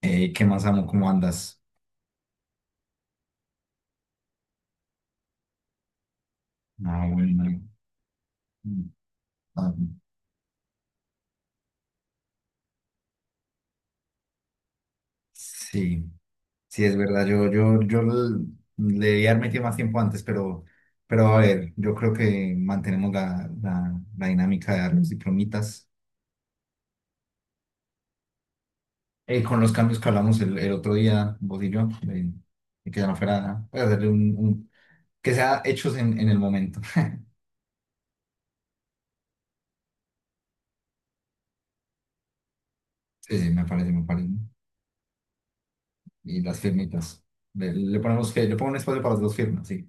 ¿Qué más amo? ¿Cómo andas? Ah, bueno. Mm. Ah, sí, sí, es verdad. Yo l- le debía haber metido más tiempo antes, pero a ver, yo creo que mantenemos la dinámica de dar los diplomitas. Con los cambios que hablamos el otro día, vos y yo, de que ya no fuera, nada, pues, hacerle un- que sea hechos en el momento. Sí, sí, me parece. Y las firmitas. Le ponemos que, le pongo un espacio para las dos firmas, sí.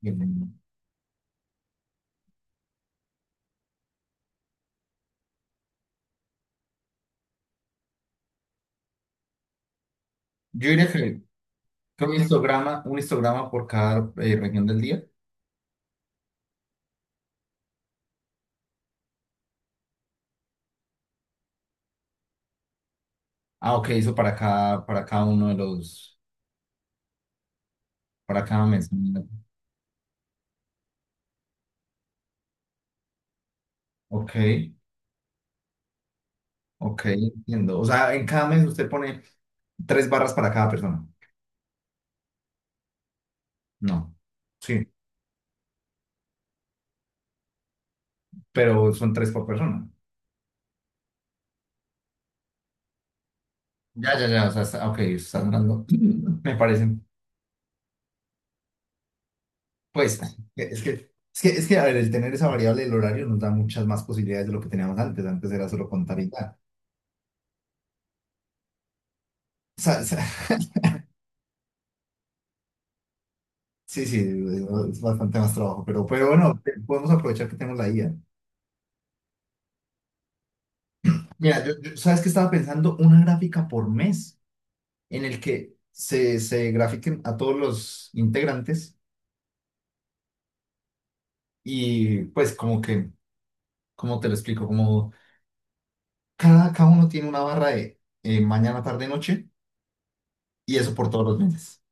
Bien, bien, bien. Yo diría que creo un histograma por cada región del día. Ah, ok, eso para cada uno de los, para cada mes. Ok, ok, entiendo. O sea, en cada mes usted pone tres barras para cada persona. No, sí, pero son tres por persona. Ya, ya, ya, o sea, está- ok, está hablando. Me parece, pues, es que, es que, a ver, el tener esa variable del horario nos da muchas más posibilidades de lo que teníamos antes. Antes era solo contar y ya. O sea, sí, sí, es bastante más trabajo, pero bueno, te- podemos aprovechar que tenemos la IA. Mira, sabes que estaba pensando una gráfica por mes en el que se grafiquen a todos los integrantes y pues como que, ¿cómo te lo explico? Como cada uno tiene una barra de mañana, tarde, noche y eso por todos los meses.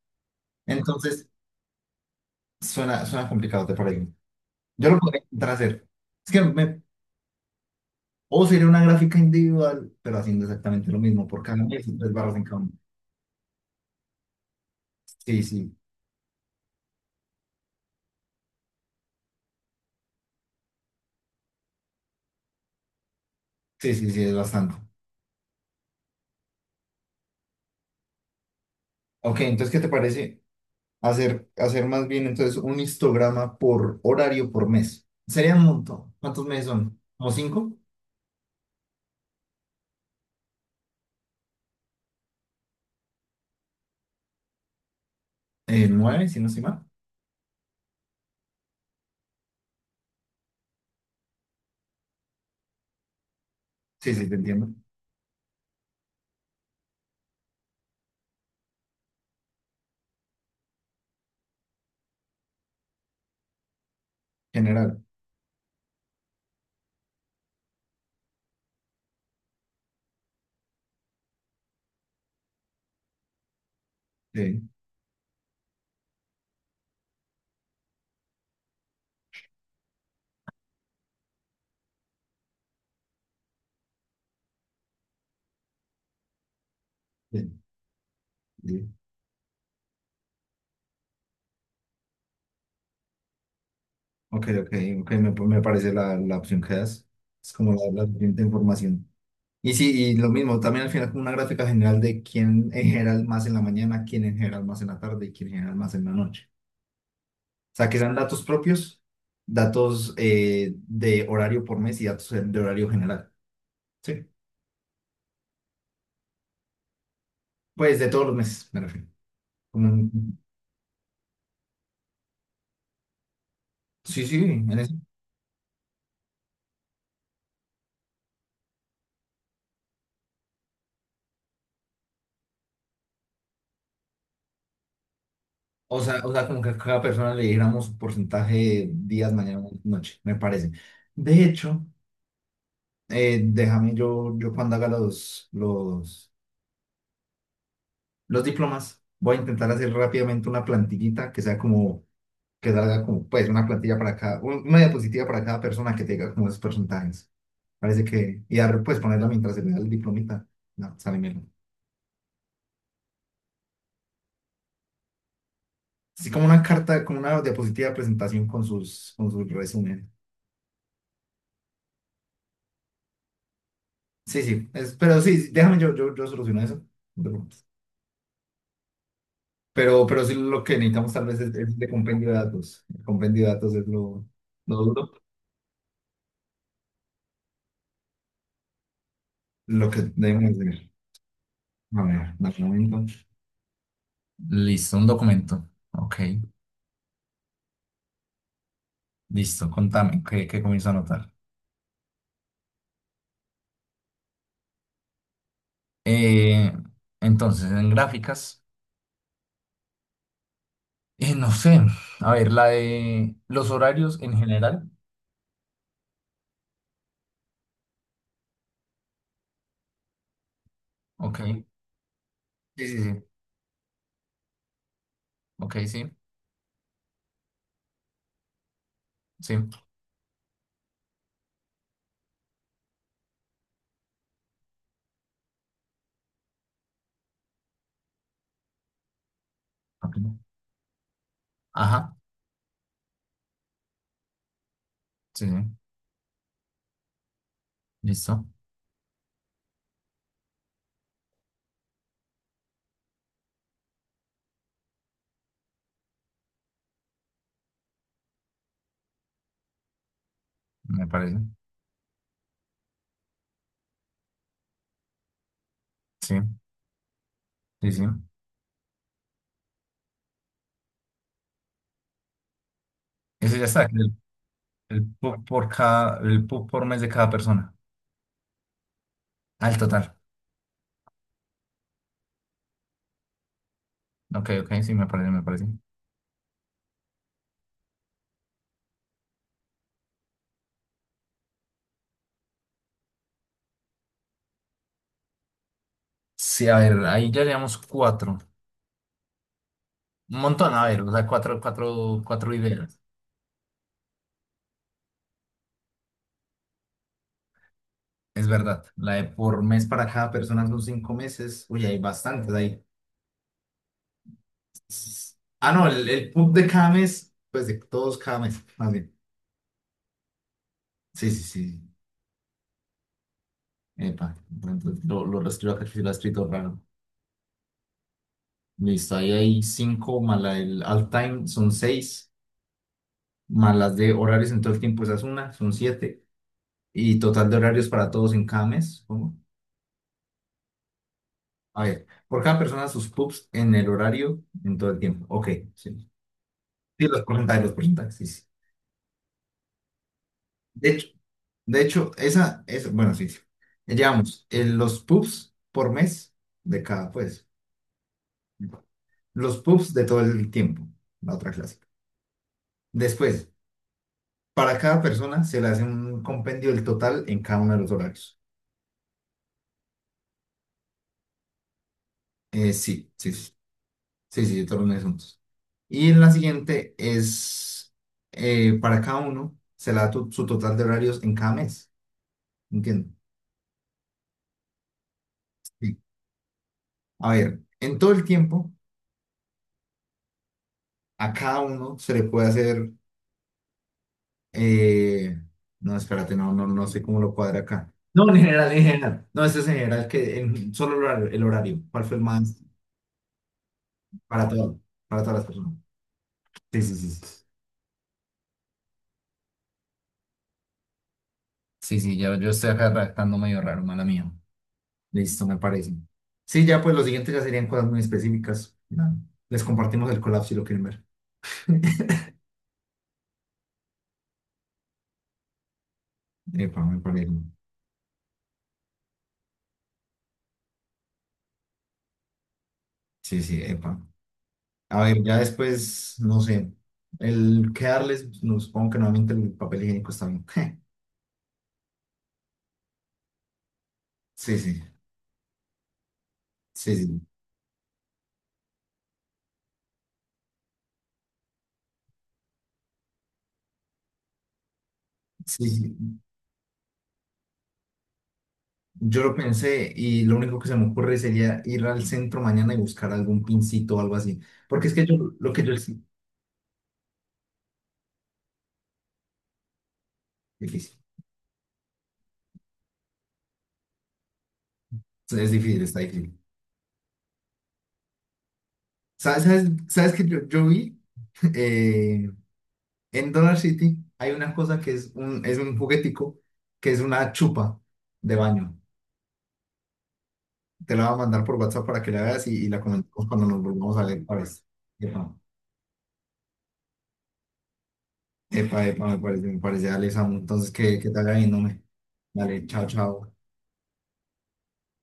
Entonces, suena complicado, ¿te parece? Yo lo podría intentar hacer. Es que me, o sería una gráfica individual, pero haciendo exactamente lo mismo por cada mes, tres barras en cada uno. Sí, sí, sí, sí, sí, es bastante. Ok, entonces, ¿qué te parece hacer más bien entonces un histograma por horario por mes? Sería un montón. ¿Cuántos meses son? ¿Como cinco? ¿Nueve, si no estoy mal? Sí, sí, te entiendo. General. Sí, sí, sí. Ok, ok, ok, me parece la opción que das. Es como la siguiente información. Y sí, y lo mismo, también al final como una gráfica general de quién en general más en la mañana, quién en general más en la tarde y quién en general más en la noche. O sea, que sean datos propios, datos de horario por mes y datos de horario general. Sí. Pues de todos los meses, me refiero. Como un- sí, sí, en eso. O sea, como que a cada persona le diéramos un porcentaje de días, mañana, noche, me parece. De hecho, déjame yo cuando haga los diplomas, voy a intentar hacer rápidamente una plantillita que sea como que salga como, pues, una plantilla para cada, un- una diapositiva para cada persona que tenga como esos porcentajes. Parece que, y dar, pues, ponerla mientras se le da el diplomita. No, sale bien. Así como una carta, como una diapositiva de presentación con sus resumen. Sí, sí, es- pero sí, déjame yo soluciono eso. No te preocupes. Pero sí lo que necesitamos tal vez es de compendio de datos. El compendio de datos es lo duro, lo que debemos hacer. A ver, dame un momento. Listo, un documento. Ok, listo, contame, que comienzo a anotar. Eh, entonces, en gráficas, no sé, a ver, la de los horarios en general, ok, sí, sí, sí, ok, sí, sí, ok, ajá, sí, sí, listo, me parece, sí, sí, sí, ese ya está, el PUB por cada, el PUB por mes de cada persona, al total, ok, ok, sí, me parece, sí, a ver, ahí ya llevamos cuatro, un montón, a ver, o sea, cuatro ideas. Es verdad, la de por mes para cada persona son cinco meses. Uy, hay bastantes ahí. Ah, no, el PUB de cada mes, pues de todos cada mes, más bien. Sí, sí, sí. Epa, entonces lo reescribo acá, que lo ha escrito raro. Listo, ahí hay cinco, más la del all time son seis, más las de horarios en todo el tiempo, esa es una, son siete. Y total de horarios para todos en cada mes. ¿Cómo? A ver, por cada persona sus PUBs en el horario en todo el tiempo. Ok, sí. Sí, los porcentajes, sí, sí. De hecho, De hecho, esa es, bueno, sí, sí. Llevamos los pubs por mes de cada, pues, los pubs de todo el tiempo, la otra clase. Después, para cada persona se le hace un compendio del total en cada uno de los horarios. Sí, sí, sí, sí, sí, todos los meses juntos. Y en la siguiente es, para cada uno se le da tu- su total de horarios en cada mes, ¿entiendes? Sí. A ver, en todo el tiempo, a cada uno se le puede hacer Eh, no, espérate, no, no, no sé cómo lo cuadra acá. No, en general, en general. No, este es en general, que en solo el horario, el horario. ¿Cuál fue el más para todo, para todas las personas? Sí, sí, sí, sí. Sí, sí, ya yo estoy acá redactando medio raro, mala mía. Listo, me parece. Sí, ya pues los siguientes ya serían cosas muy específicas. Ya, les compartimos el colapso si lo quieren ver. Epa, me parece. Sí, sí, epa. A ver, ya después, no sé. El quedarles, no, supongo que nuevamente el papel higiénico está bien. Sí, sí. Sí, sí, sí, sí. Yo lo pensé y lo único que se me ocurre sería ir al centro mañana y buscar algún pincito o algo así. Porque es que yo, lo que yo... sí, difícil, es difícil, está difícil. ¿Sabes que yo vi eh, en Dollar City hay una cosa que es un juguetico, que es una chupa de baño. Te la voy a mandar por WhatsApp para que la veas y la comentemos cuando nos volvamos a ver. Parece. Epa, me parece, dale Alessandro. Entonces, que te haga bien, hombre. Dale, chao, chao.